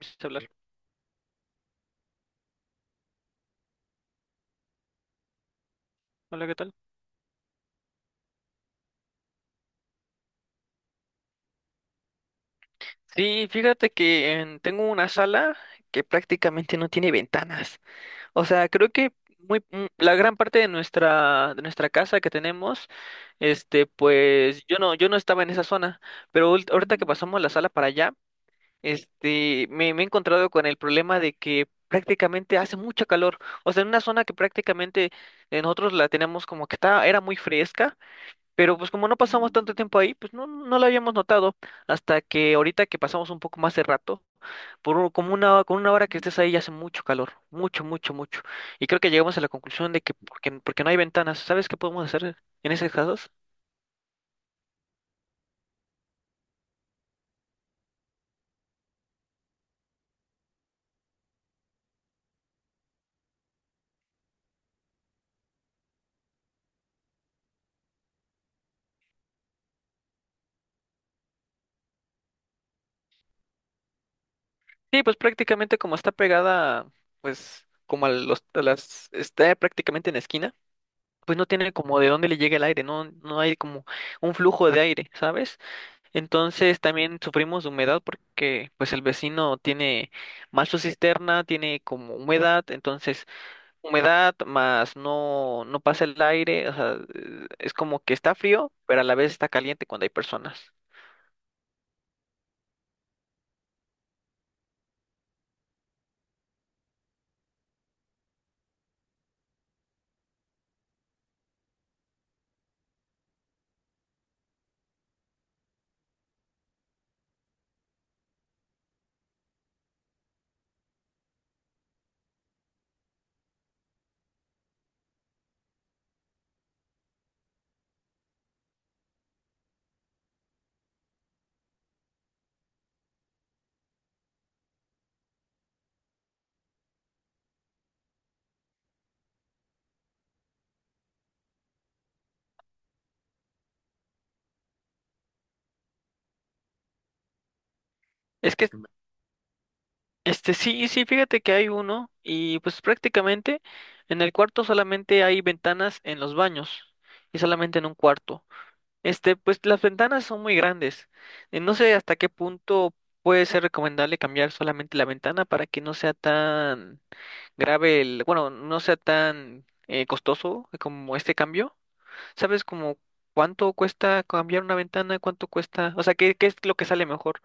Empieza a hablar. Hola, ¿qué tal? Sí, fíjate que tengo una sala que prácticamente no tiene ventanas. O sea, creo que la gran parte de nuestra casa que tenemos, pues yo no estaba en esa zona, pero ahorita que pasamos la sala para allá, me he encontrado con el problema de que prácticamente hace mucho calor. O sea, en una zona que prácticamente nosotros la tenemos como que está, era muy fresca. Pero pues como no pasamos tanto tiempo ahí, pues no lo habíamos notado hasta que ahorita que pasamos un poco más de rato, como con una hora que estés ahí ya hace mucho calor, mucho, mucho, mucho. Y creo que llegamos a la conclusión de que porque no hay ventanas. ¿Sabes qué podemos hacer en esos casos? Sí, pues prácticamente como está pegada, pues como a las, está prácticamente en la esquina, pues no tiene como de dónde le llegue el aire, no hay como un flujo de aire, ¿sabes? Entonces también sufrimos de humedad porque pues el vecino tiene mal su cisterna, tiene como humedad, entonces humedad más no pasa el aire, o sea, es como que está frío, pero a la vez está caliente cuando hay personas. Es que sí, sí, fíjate que hay uno y pues prácticamente en el cuarto solamente hay ventanas en los baños y solamente en un cuarto. Pues las ventanas son muy grandes. No sé hasta qué punto puede ser recomendable cambiar solamente la ventana para que no sea tan grave bueno, no sea tan costoso como este cambio. ¿Sabes como cuánto cuesta cambiar una ventana? ¿Cuánto cuesta? O sea, ¿qué es lo que sale mejor?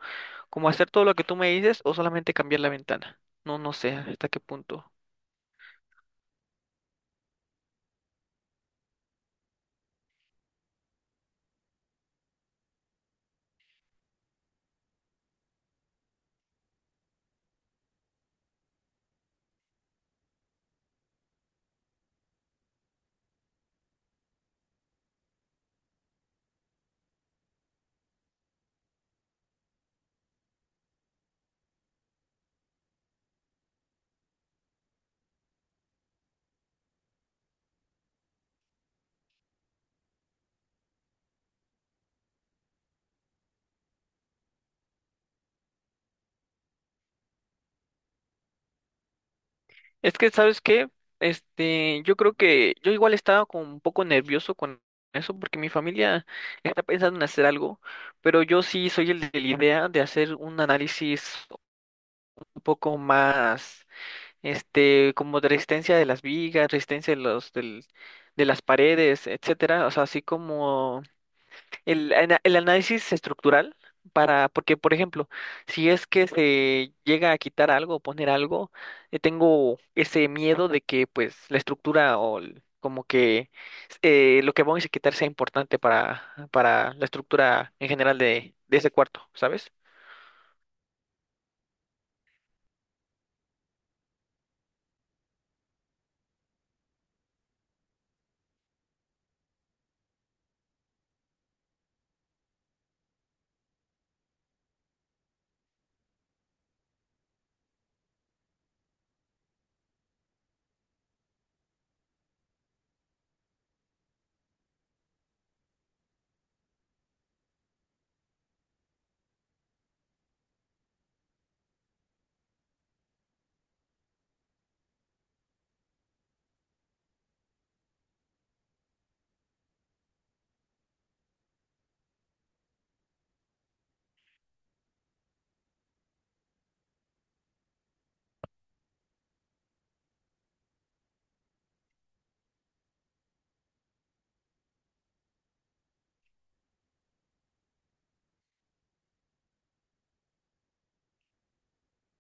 ¿Como hacer todo lo que tú me dices o solamente cambiar la ventana? No sé hasta qué punto. Es que, ¿sabes qué? Yo creo que yo igual estaba como un poco nervioso con eso porque mi familia está pensando en hacer algo, pero yo sí soy el de la idea de hacer un análisis un poco más, como de resistencia de las vigas, resistencia de de las paredes, etcétera. O sea, así como el análisis estructural para, porque por ejemplo, si es que se llega a quitar algo o poner algo, tengo ese miedo de que pues la estructura como que lo que vamos a quitar sea importante para la estructura en general de ese cuarto, ¿sabes?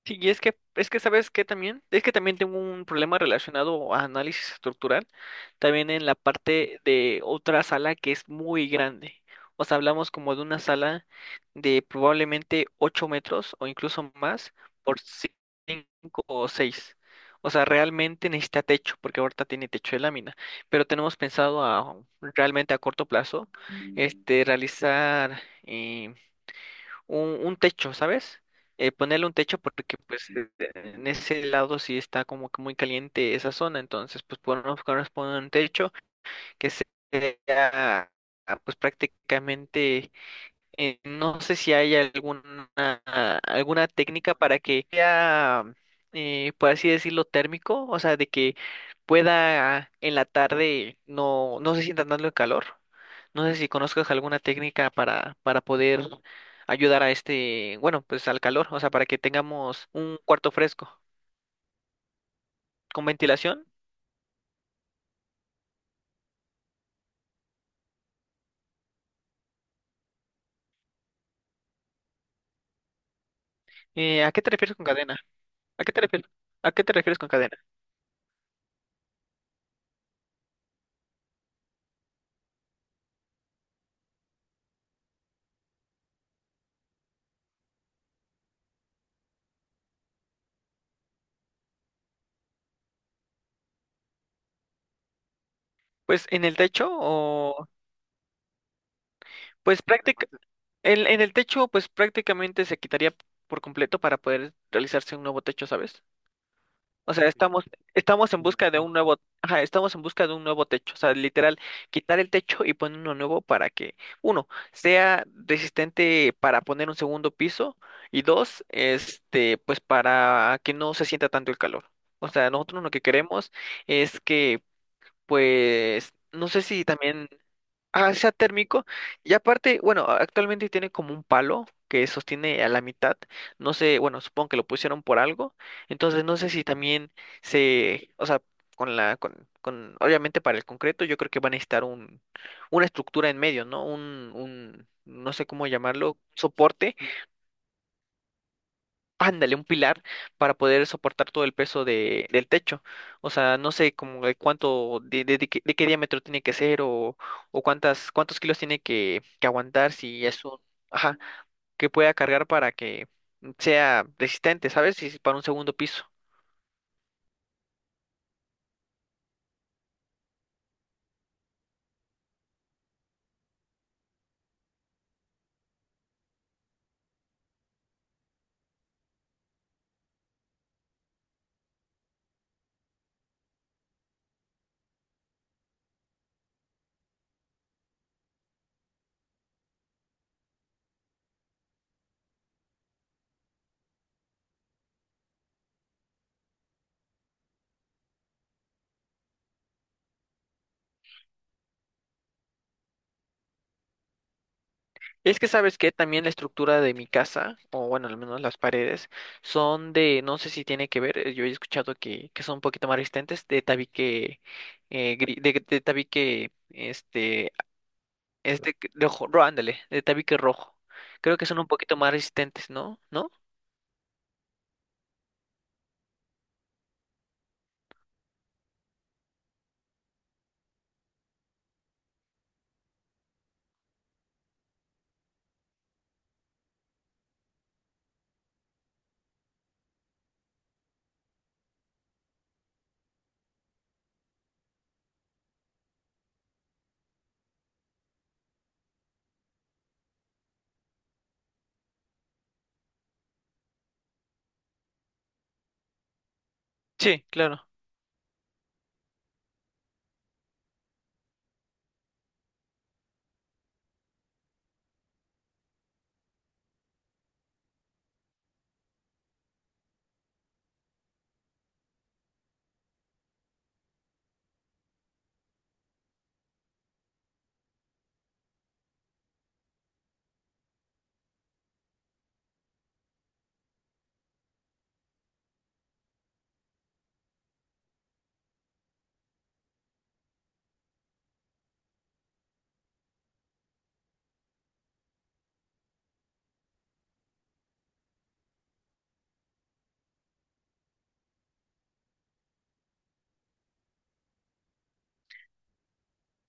Sí, es que sabes que también, es que también tengo un problema relacionado a análisis estructural, también en la parte de otra sala que es muy grande. O sea, hablamos como de una sala de probablemente 8 metros o incluso más por 5 o 6. O sea, realmente necesita techo, porque ahorita tiene techo de lámina. Pero tenemos pensado a realmente a corto plazo, realizar un techo, ¿sabes? Ponerle un techo porque pues en ese lado sí está como que muy caliente esa zona, entonces pues podemos poner un techo que sea pues prácticamente no sé si hay alguna técnica para que sea, por así decirlo, térmico, o sea, de que pueda en la tarde no se sienta tanto el calor. No sé si conozcas alguna técnica para poder ayudar a bueno, pues al calor, o sea, para que tengamos un cuarto fresco con ventilación. ¿A qué te refieres con cadena? ¿A qué te refieres? ¿A qué te refieres con cadena? Pues en el techo. Pues práctica, en el techo, pues prácticamente se quitaría por completo para poder realizarse un nuevo techo, ¿sabes? O sea, estamos, estamos en busca de un nuevo, ajá, estamos en busca de un nuevo techo. O sea, literal, quitar el techo y poner uno nuevo para que, uno, sea resistente para poner un segundo piso, y dos, pues para que no se sienta tanto el calor. O sea, nosotros lo que queremos es que, pues, no sé si también. Ah, sea térmico. Y aparte, bueno, actualmente tiene como un palo que sostiene a la mitad. No sé, bueno, supongo que lo pusieron por algo. Entonces, no sé si también o sea, con la, con, obviamente para el concreto, yo creo que van a necesitar una estructura en medio, ¿no? No sé cómo llamarlo, soporte. Ándale, un pilar para poder soportar todo el peso del techo. O sea, no sé como de cuánto, de qué diámetro tiene que ser o cuántos kilos tiene que aguantar si es un, ajá, que pueda cargar para que sea resistente, ¿sabes? Si es para un segundo piso. Es que sabes que también la estructura de mi casa, o bueno, al menos las paredes, son de, no sé si tiene que ver, yo he escuchado que son un poquito más resistentes, de tabique, de tabique, es de, ándale, de tabique rojo. Creo que son un poquito más resistentes, ¿no? ¿No? Sí, claro.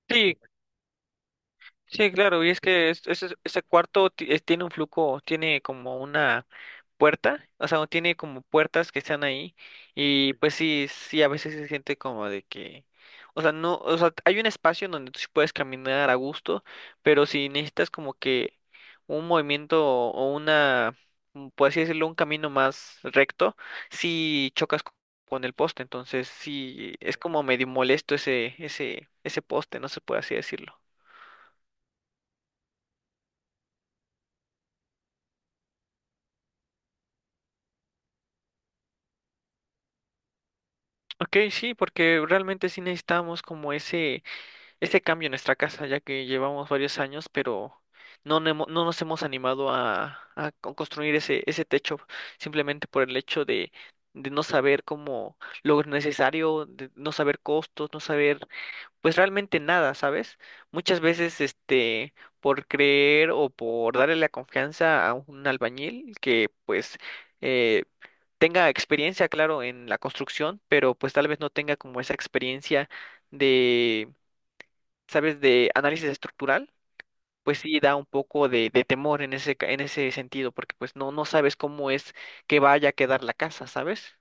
Sí, sí, claro. Y es que ese cuarto tiene un flujo, tiene como una puerta, o sea, no tiene como puertas que están ahí y pues sí, sí, a veces se siente como de que, o sea, no, o sea, hay un espacio en donde tú sí puedes caminar a gusto, pero si necesitas como que un movimiento o una, mm, por así decirlo, un camino más recto, si con el poste, entonces sí, es como medio molesto ese poste, no se puede así decirlo. Ok, sí, porque realmente sí necesitamos como ese este cambio en nuestra casa, ya que llevamos varios años, pero no nos hemos animado construir ese techo, simplemente por el hecho de no saber cómo lo necesario, de no saber costos, no saber, pues realmente nada, ¿sabes? Muchas veces, por creer o por darle la confianza a un albañil que, pues, eh, tenga experiencia, claro, en la construcción, pero pues tal vez no tenga como esa experiencia de, ¿sabes? De análisis estructural, pues sí da un poco de temor en en ese sentido, porque pues no sabes cómo es que vaya a quedar la casa, ¿sabes?